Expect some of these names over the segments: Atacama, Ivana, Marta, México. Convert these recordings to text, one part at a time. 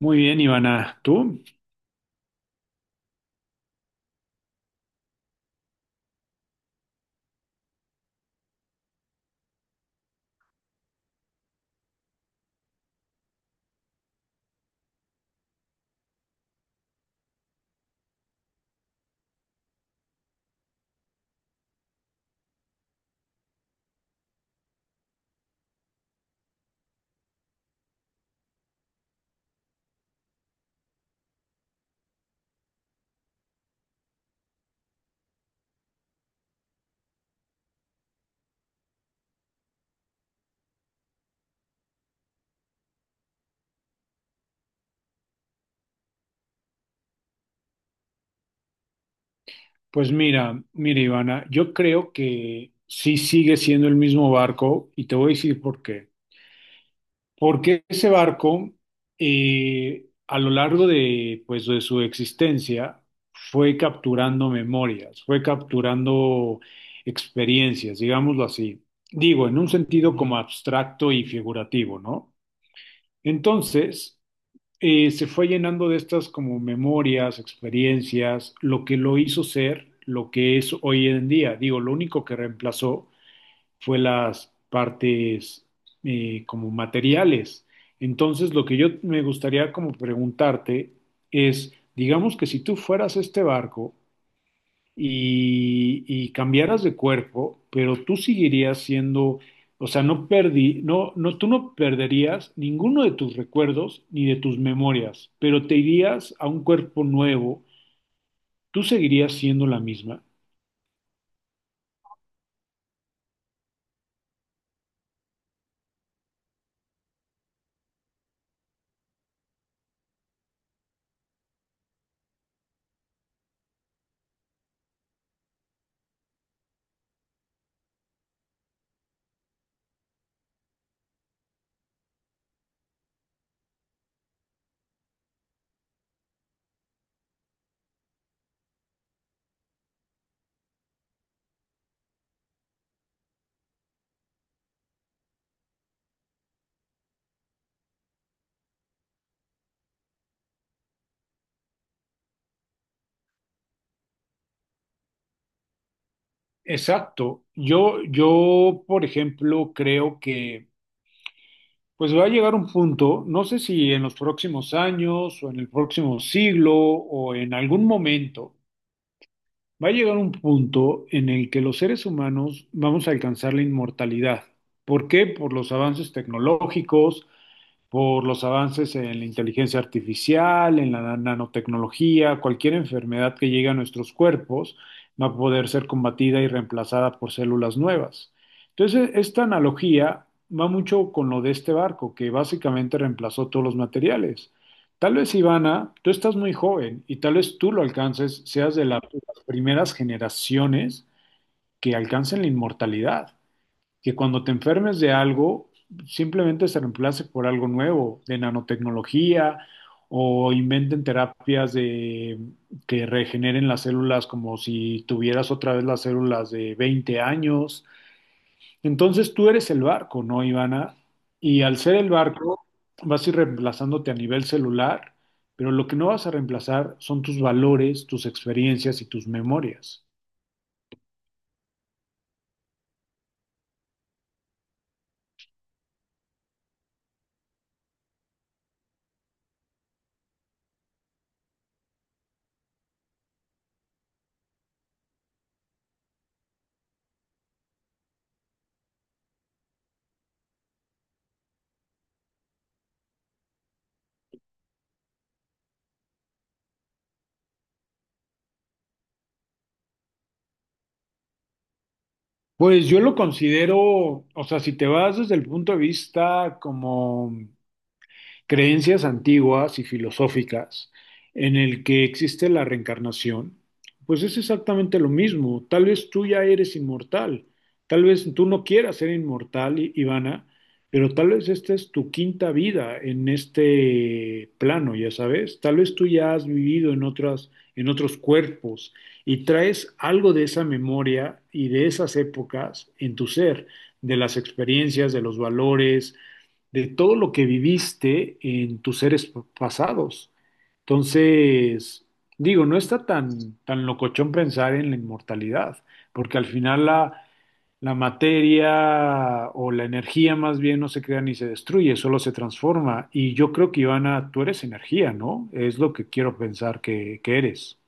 Muy bien, Ivana. ¿Tú? Pues mira, mira, Ivana, yo creo que sí sigue siendo el mismo barco y te voy a decir por qué. Porque ese barco, a lo largo de, pues, de su existencia, fue capturando memorias, fue capturando experiencias, digámoslo así. Digo, en un sentido como abstracto y figurativo, ¿no? Entonces, se fue llenando de estas como memorias, experiencias, lo que lo hizo ser lo que es hoy en día. Digo, lo único que reemplazó fue las partes como materiales. Entonces, lo que yo me gustaría como preguntarte es, digamos que si tú fueras este barco y cambiaras de cuerpo, pero tú seguirías siendo, o sea, no perdí, no, no, tú no perderías ninguno de tus recuerdos ni de tus memorias, pero te irías a un cuerpo nuevo, tú seguirías siendo la misma. Exacto. Yo, por ejemplo, creo que pues va a llegar un punto, no sé si en los próximos años o en el próximo siglo o en algún momento. Va a llegar un punto en el que los seres humanos vamos a alcanzar la inmortalidad. ¿Por qué? Por los avances tecnológicos, por los avances en la inteligencia artificial, en la nanotecnología, cualquier enfermedad que llegue a nuestros cuerpos va a poder ser combatida y reemplazada por células nuevas. Entonces, esta analogía va mucho con lo de este barco, que básicamente reemplazó todos los materiales. Tal vez, Ivana, tú estás muy joven y tal vez tú lo alcances, seas de las primeras generaciones que alcancen la inmortalidad, que cuando te enfermes de algo, simplemente se reemplace por algo nuevo, de nanotecnología, o inventen terapias de, que regeneren las células como si tuvieras otra vez las células de 20 años. Entonces tú eres el barco, ¿no, Ivana? Y al ser el barco, vas a ir reemplazándote a nivel celular, pero lo que no vas a reemplazar son tus valores, tus experiencias y tus memorias. Pues yo lo considero, o sea, si te vas desde el punto de vista como creencias antiguas y filosóficas en el que existe la reencarnación, pues es exactamente lo mismo. Tal vez tú ya eres inmortal, tal vez tú no quieras ser inmortal, Ivana, pero tal vez esta es tu quinta vida en este plano, ya sabes. Tal vez tú ya has vivido en otras, en otros cuerpos y traes algo de esa memoria y de esas épocas en tu ser, de las experiencias, de los valores de todo lo que viviste en tus seres pasados. Entonces, digo, no está tan, tan locochón pensar en la inmortalidad, porque al final la, la materia o la energía más bien no se crea ni se destruye, solo se transforma. Y yo creo que, Ivana, tú eres energía, ¿no? Es lo que quiero pensar que eres.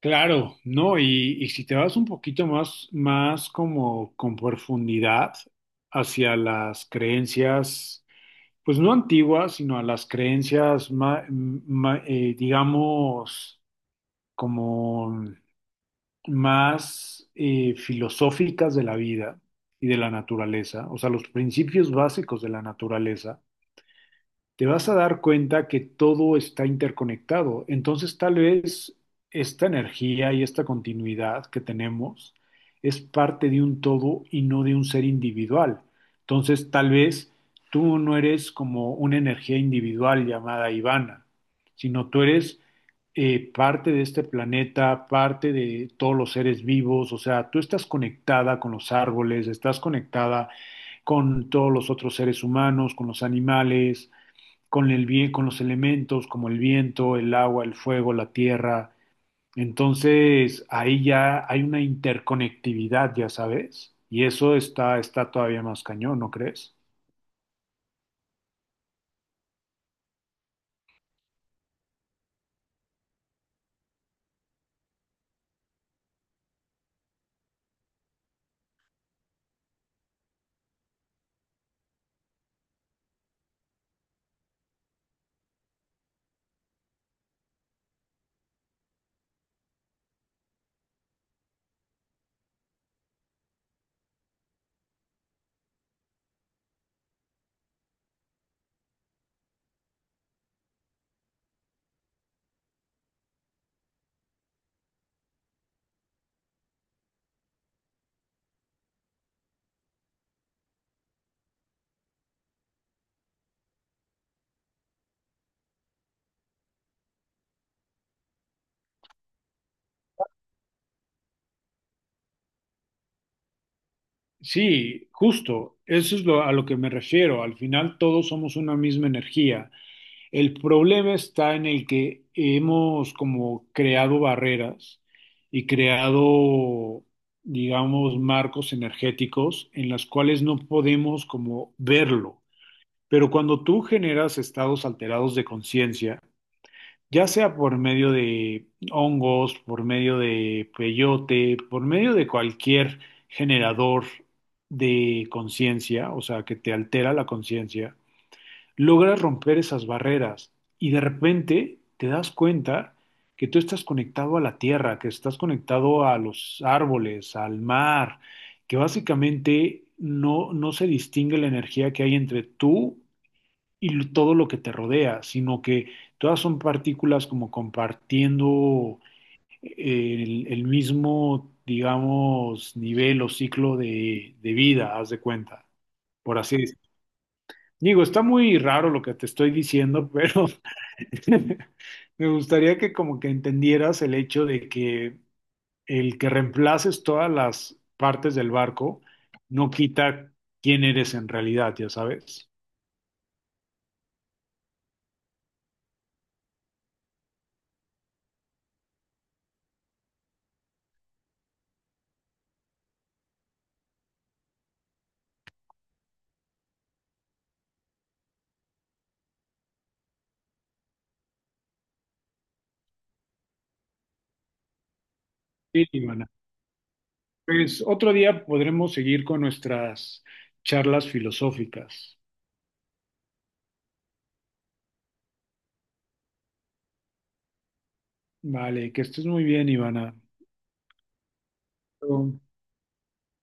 Claro. No, y si te vas un poquito más, más como con profundidad hacia las creencias, pues no antiguas, sino a las creencias, digamos, como más filosóficas de la vida y de la naturaleza, o sea, los principios básicos de la naturaleza, te vas a dar cuenta que todo está interconectado. Entonces, tal vez esta energía y esta continuidad que tenemos es parte de un todo y no de un ser individual. Entonces, tal vez tú no eres como una energía individual llamada Ivana, sino tú eres parte de este planeta, parte de todos los seres vivos, o sea, tú estás conectada con los árboles, estás conectada con todos los otros seres humanos, con los animales, con con los elementos como el viento, el agua, el fuego, la tierra. Entonces, ahí ya hay una interconectividad, ya sabes, y eso está, está todavía más cañón, ¿no crees? Sí, justo, eso es lo, a lo que me refiero. Al final todos somos una misma energía. El problema está en el que hemos como creado barreras y creado, digamos, marcos energéticos en las cuales no podemos como verlo. Pero cuando tú generas estados alterados de conciencia, ya sea por medio de hongos, por medio de peyote, por medio de cualquier generador de conciencia, o sea, que te altera la conciencia, logras romper esas barreras y de repente te das cuenta que tú estás conectado a la tierra, que estás conectado a los árboles, al mar, que básicamente no, no se distingue la energía que hay entre tú y todo lo que te rodea, sino que todas son partículas como compartiendo el mismo, digamos, nivel o ciclo de vida, haz de cuenta, por así decirlo. Digo, está muy raro lo que te estoy diciendo, pero me gustaría que como que entendieras el hecho de que el que reemplaces todas las partes del barco no quita quién eres en realidad, ya sabes. Sí, Ivana. Pues otro día podremos seguir con nuestras charlas filosóficas. Vale, que estés muy bien, Ivana.